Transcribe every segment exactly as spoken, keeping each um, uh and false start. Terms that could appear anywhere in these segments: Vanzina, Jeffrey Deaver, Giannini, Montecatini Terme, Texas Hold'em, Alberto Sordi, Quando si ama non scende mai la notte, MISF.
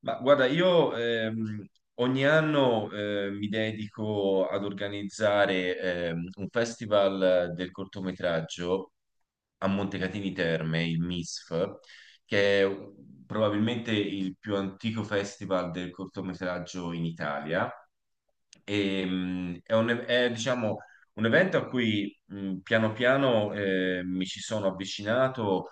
Ma guarda, io ehm, ogni anno eh, mi dedico ad organizzare ehm, un festival del cortometraggio a Montecatini Terme, il M I S F, che è probabilmente il più antico festival del cortometraggio in Italia. E, mh, è un, è, diciamo, un evento a cui mh, piano piano eh, mi ci sono avvicinato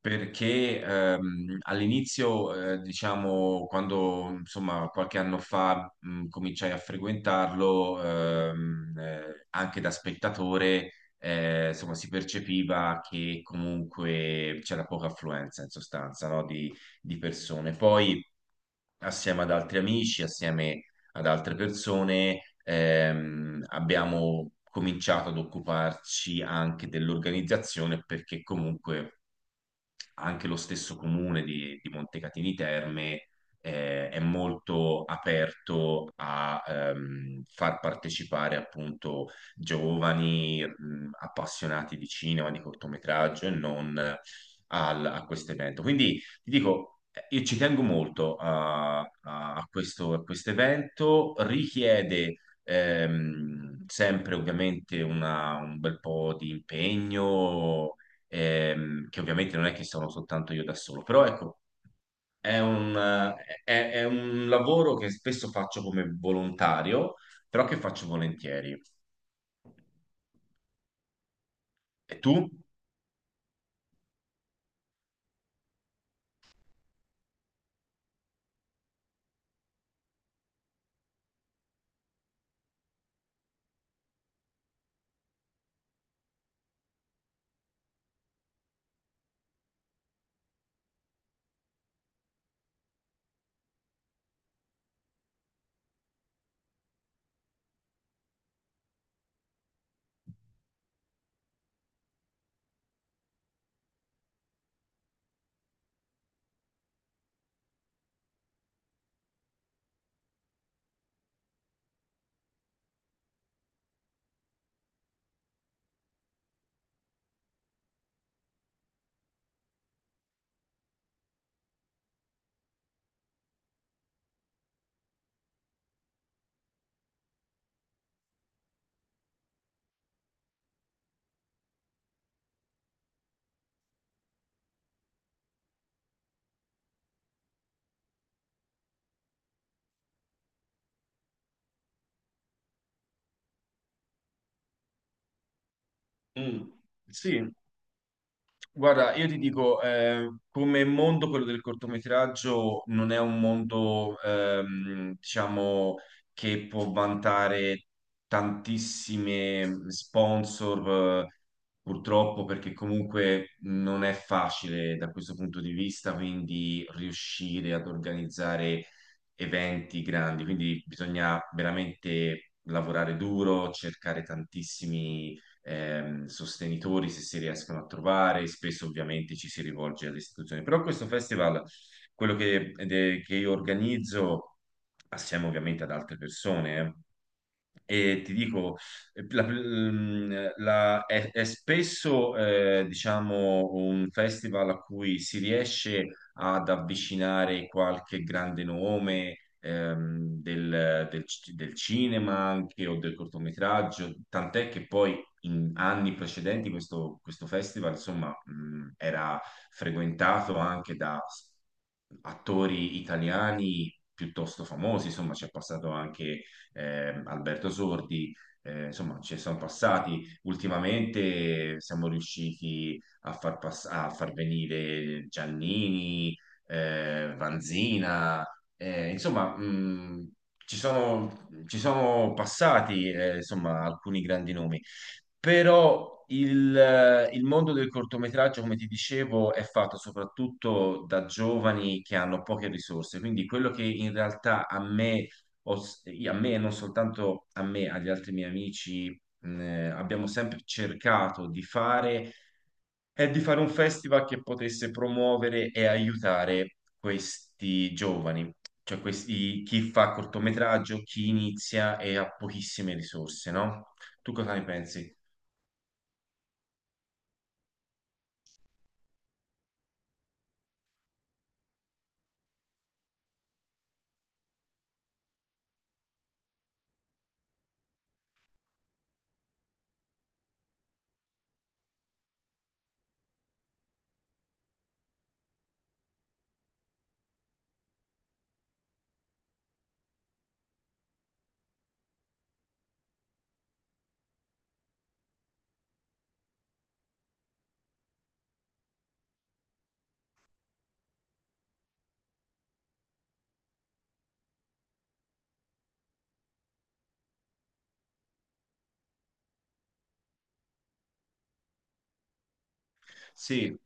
perché ehm, all'inizio, eh, diciamo, quando insomma qualche anno fa mh, cominciai a frequentarlo, ehm, eh, anche da spettatore, eh, insomma, si percepiva che comunque c'era poca affluenza in sostanza, no, di, di persone. Poi, assieme ad altri amici, assieme ad altre persone, ehm, abbiamo cominciato ad occuparci anche dell'organizzazione perché comunque anche lo stesso comune di, di Montecatini Terme eh, è molto aperto a ehm, far partecipare appunto giovani mh, appassionati di cinema, di cortometraggio e non al- a questo evento. Quindi ti dico, io ci tengo molto a, a questo, a questo evento, richiede ehm, sempre ovviamente una- un bel po' di impegno, ehm, che ovviamente non è che sono soltanto io da solo, però ecco, è un, eh, è- è un lavoro che spesso faccio come volontario, però che faccio volentieri. E tu? Mm, sì. Guarda, io ti dico, eh, come mondo quello del cortometraggio non è un mondo, ehm, diciamo, che può vantare tantissime sponsor, eh, purtroppo, perché comunque non è facile da questo punto di vista, quindi riuscire ad organizzare eventi grandi, quindi bisogna veramente lavorare duro, cercare tantissimi ehm, sostenitori se si riescono a trovare, spesso ovviamente ci si rivolge alle istituzioni. Però questo festival, quello che, de- che io organizzo assieme ovviamente ad altre persone, eh, e ti dico, eh, la- mm, la- è, è spesso, eh, diciamo, un festival a cui si riesce ad avvicinare qualche grande nome, ehm, del, del c- del cinema anche o del cortometraggio, tant'è che poi in anni precedenti questo, questo festival, insomma, mm, era frequentato anche da s- attori italiani piuttosto famosi, insomma, ci è passato anche eh, Alberto Sordi, eh, insomma, ci sono passati ultimamente, siamo riusciti a far, pass- a far venire Giannini, eh, Vanzina, eh, insomma, mh, ci sono, ci sono passati, eh, insomma, alcuni grandi nomi, però il, il mondo del cortometraggio, come ti dicevo, è fatto soprattutto da giovani che hanno poche risorse, quindi quello che in realtà a me ho s- a me, non soltanto a me, agli altri miei amici, mh, eh, abbiamo sempre cercato di fare, è di fare un festival che potesse promuovere e aiutare questi giovani, cioè questi, chi fa cortometraggio, chi inizia e ha pochissime risorse, no? Tu cosa ne pensi? Sì,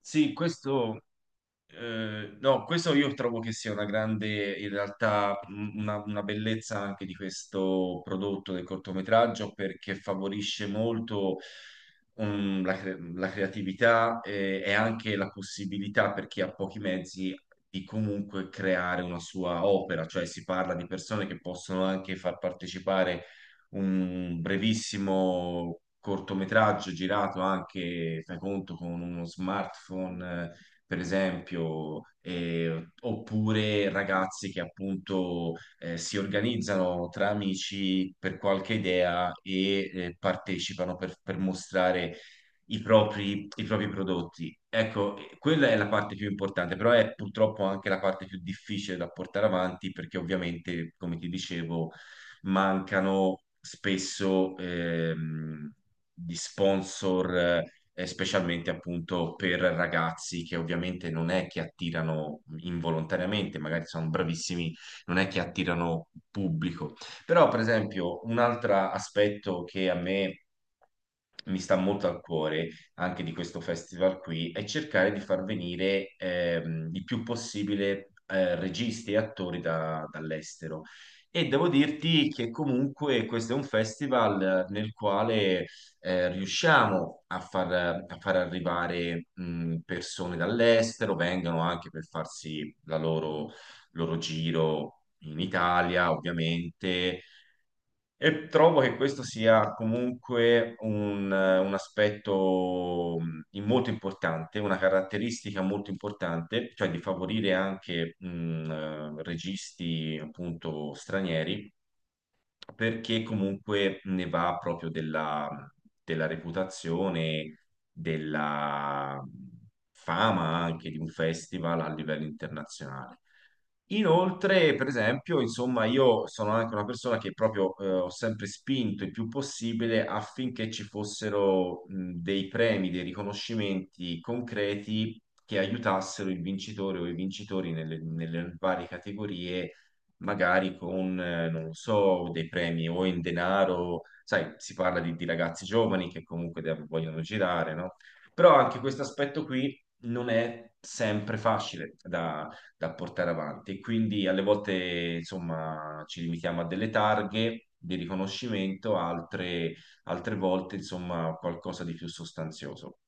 sì, questo. Eh, no, questo io trovo che sia una grande, in realtà, m- una, una bellezza anche di questo prodotto del cortometraggio perché favorisce molto um, la, cre- la creatività eh, e anche la possibilità per chi ha pochi mezzi di comunque creare una sua opera, cioè si parla di persone che possono anche far partecipare un brevissimo cortometraggio girato anche, fai conto, con uno smartphone per esempio, eh, oppure ragazzi che appunto eh, si organizzano tra amici per qualche idea e eh, partecipano per, per mostrare i propri, i propri prodotti. Ecco, eh, quella è la parte più importante, però è purtroppo anche la parte più difficile da portare avanti perché ovviamente, come ti dicevo, mancano spesso ehm, gli sponsor, eh, specialmente appunto per ragazzi che ovviamente non è che attirano involontariamente, magari sono bravissimi, non è che attirano pubblico. Però, per esempio, un altro aspetto che a me mi sta molto al cuore anche di questo festival qui è cercare di far venire ehm, il più possibile eh, registi e attori da- dall'estero. E devo dirti che comunque questo è un festival nel quale eh, riusciamo a far, a far arrivare mh, persone dall'estero, vengono anche per farsi la loro loro giro in Italia, ovviamente, e trovo che questo sia comunque un, un aspetto mh, molto importante, una caratteristica molto importante, cioè di favorire anche mh, eh, registi appunto stranieri, perché comunque ne va proprio della, della reputazione, della fama anche di un festival a livello internazionale. Inoltre, per esempio, insomma, io sono anche una persona che proprio eh, ho sempre spinto il più possibile affinché ci fossero mh, dei premi, dei riconoscimenti concreti che aiutassero il vincitore o i vincitori nelle, nelle varie categorie, magari con, eh, non lo so, dei premi o in denaro, sai, si parla di, di ragazzi giovani che comunque de- vogliono girare, no? Però anche questo aspetto qui non è sempre facile da portare avanti. Quindi alle volte, insomma, ci limitiamo a delle targhe di riconoscimento, altre, altre volte, insomma, qualcosa di più sostanzioso.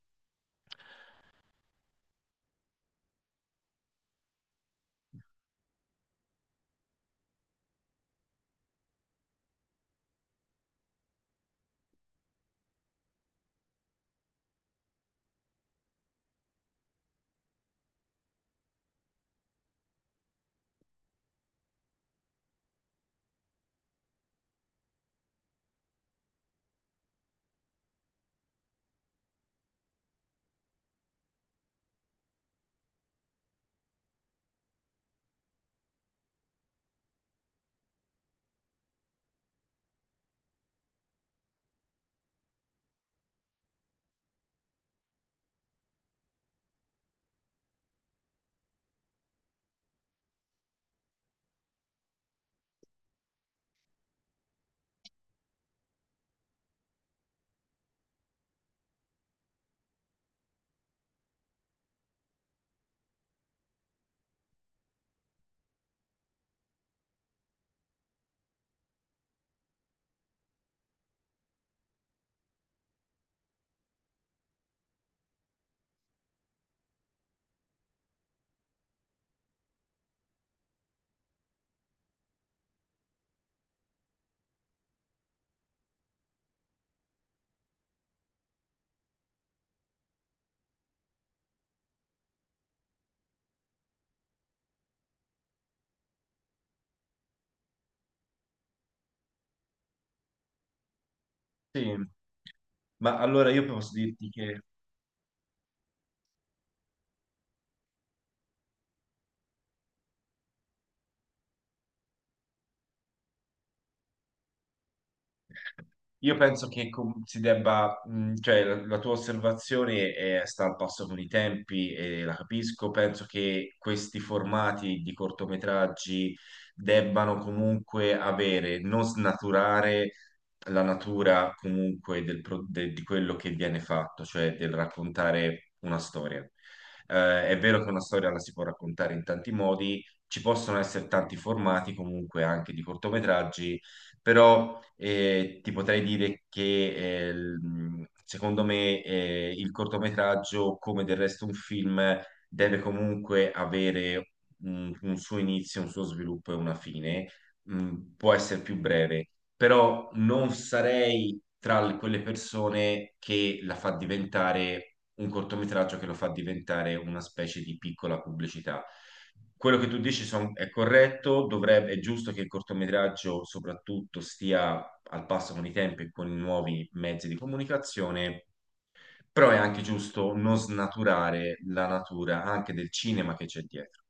Sì, ma allora io posso dirti che io penso che com- si debba, mh, cioè la, la tua osservazione è, sta al passo con i tempi e la capisco, penso che questi formati di cortometraggi debbano comunque avere, non snaturare la natura comunque del pro- de- di quello che viene fatto, cioè del raccontare una storia. Eh, è vero che una storia la si può raccontare in tanti modi, ci possono essere tanti formati comunque anche di cortometraggi, però eh, ti potrei dire che eh, il- secondo me eh, il cortometraggio, come del resto un film, deve comunque avere un, un suo inizio, un suo sviluppo e una fine. Mm, può essere più breve, però non sarei tra le- quelle persone che la fa diventare un cortometraggio che lo fa diventare una specie di piccola pubblicità. Quello che tu dici son- è corretto, dovrebbe, è giusto che il cortometraggio soprattutto stia al passo con i tempi e con i nuovi mezzi di comunicazione, però è anche giusto non snaturare la natura anche del cinema che c'è dietro.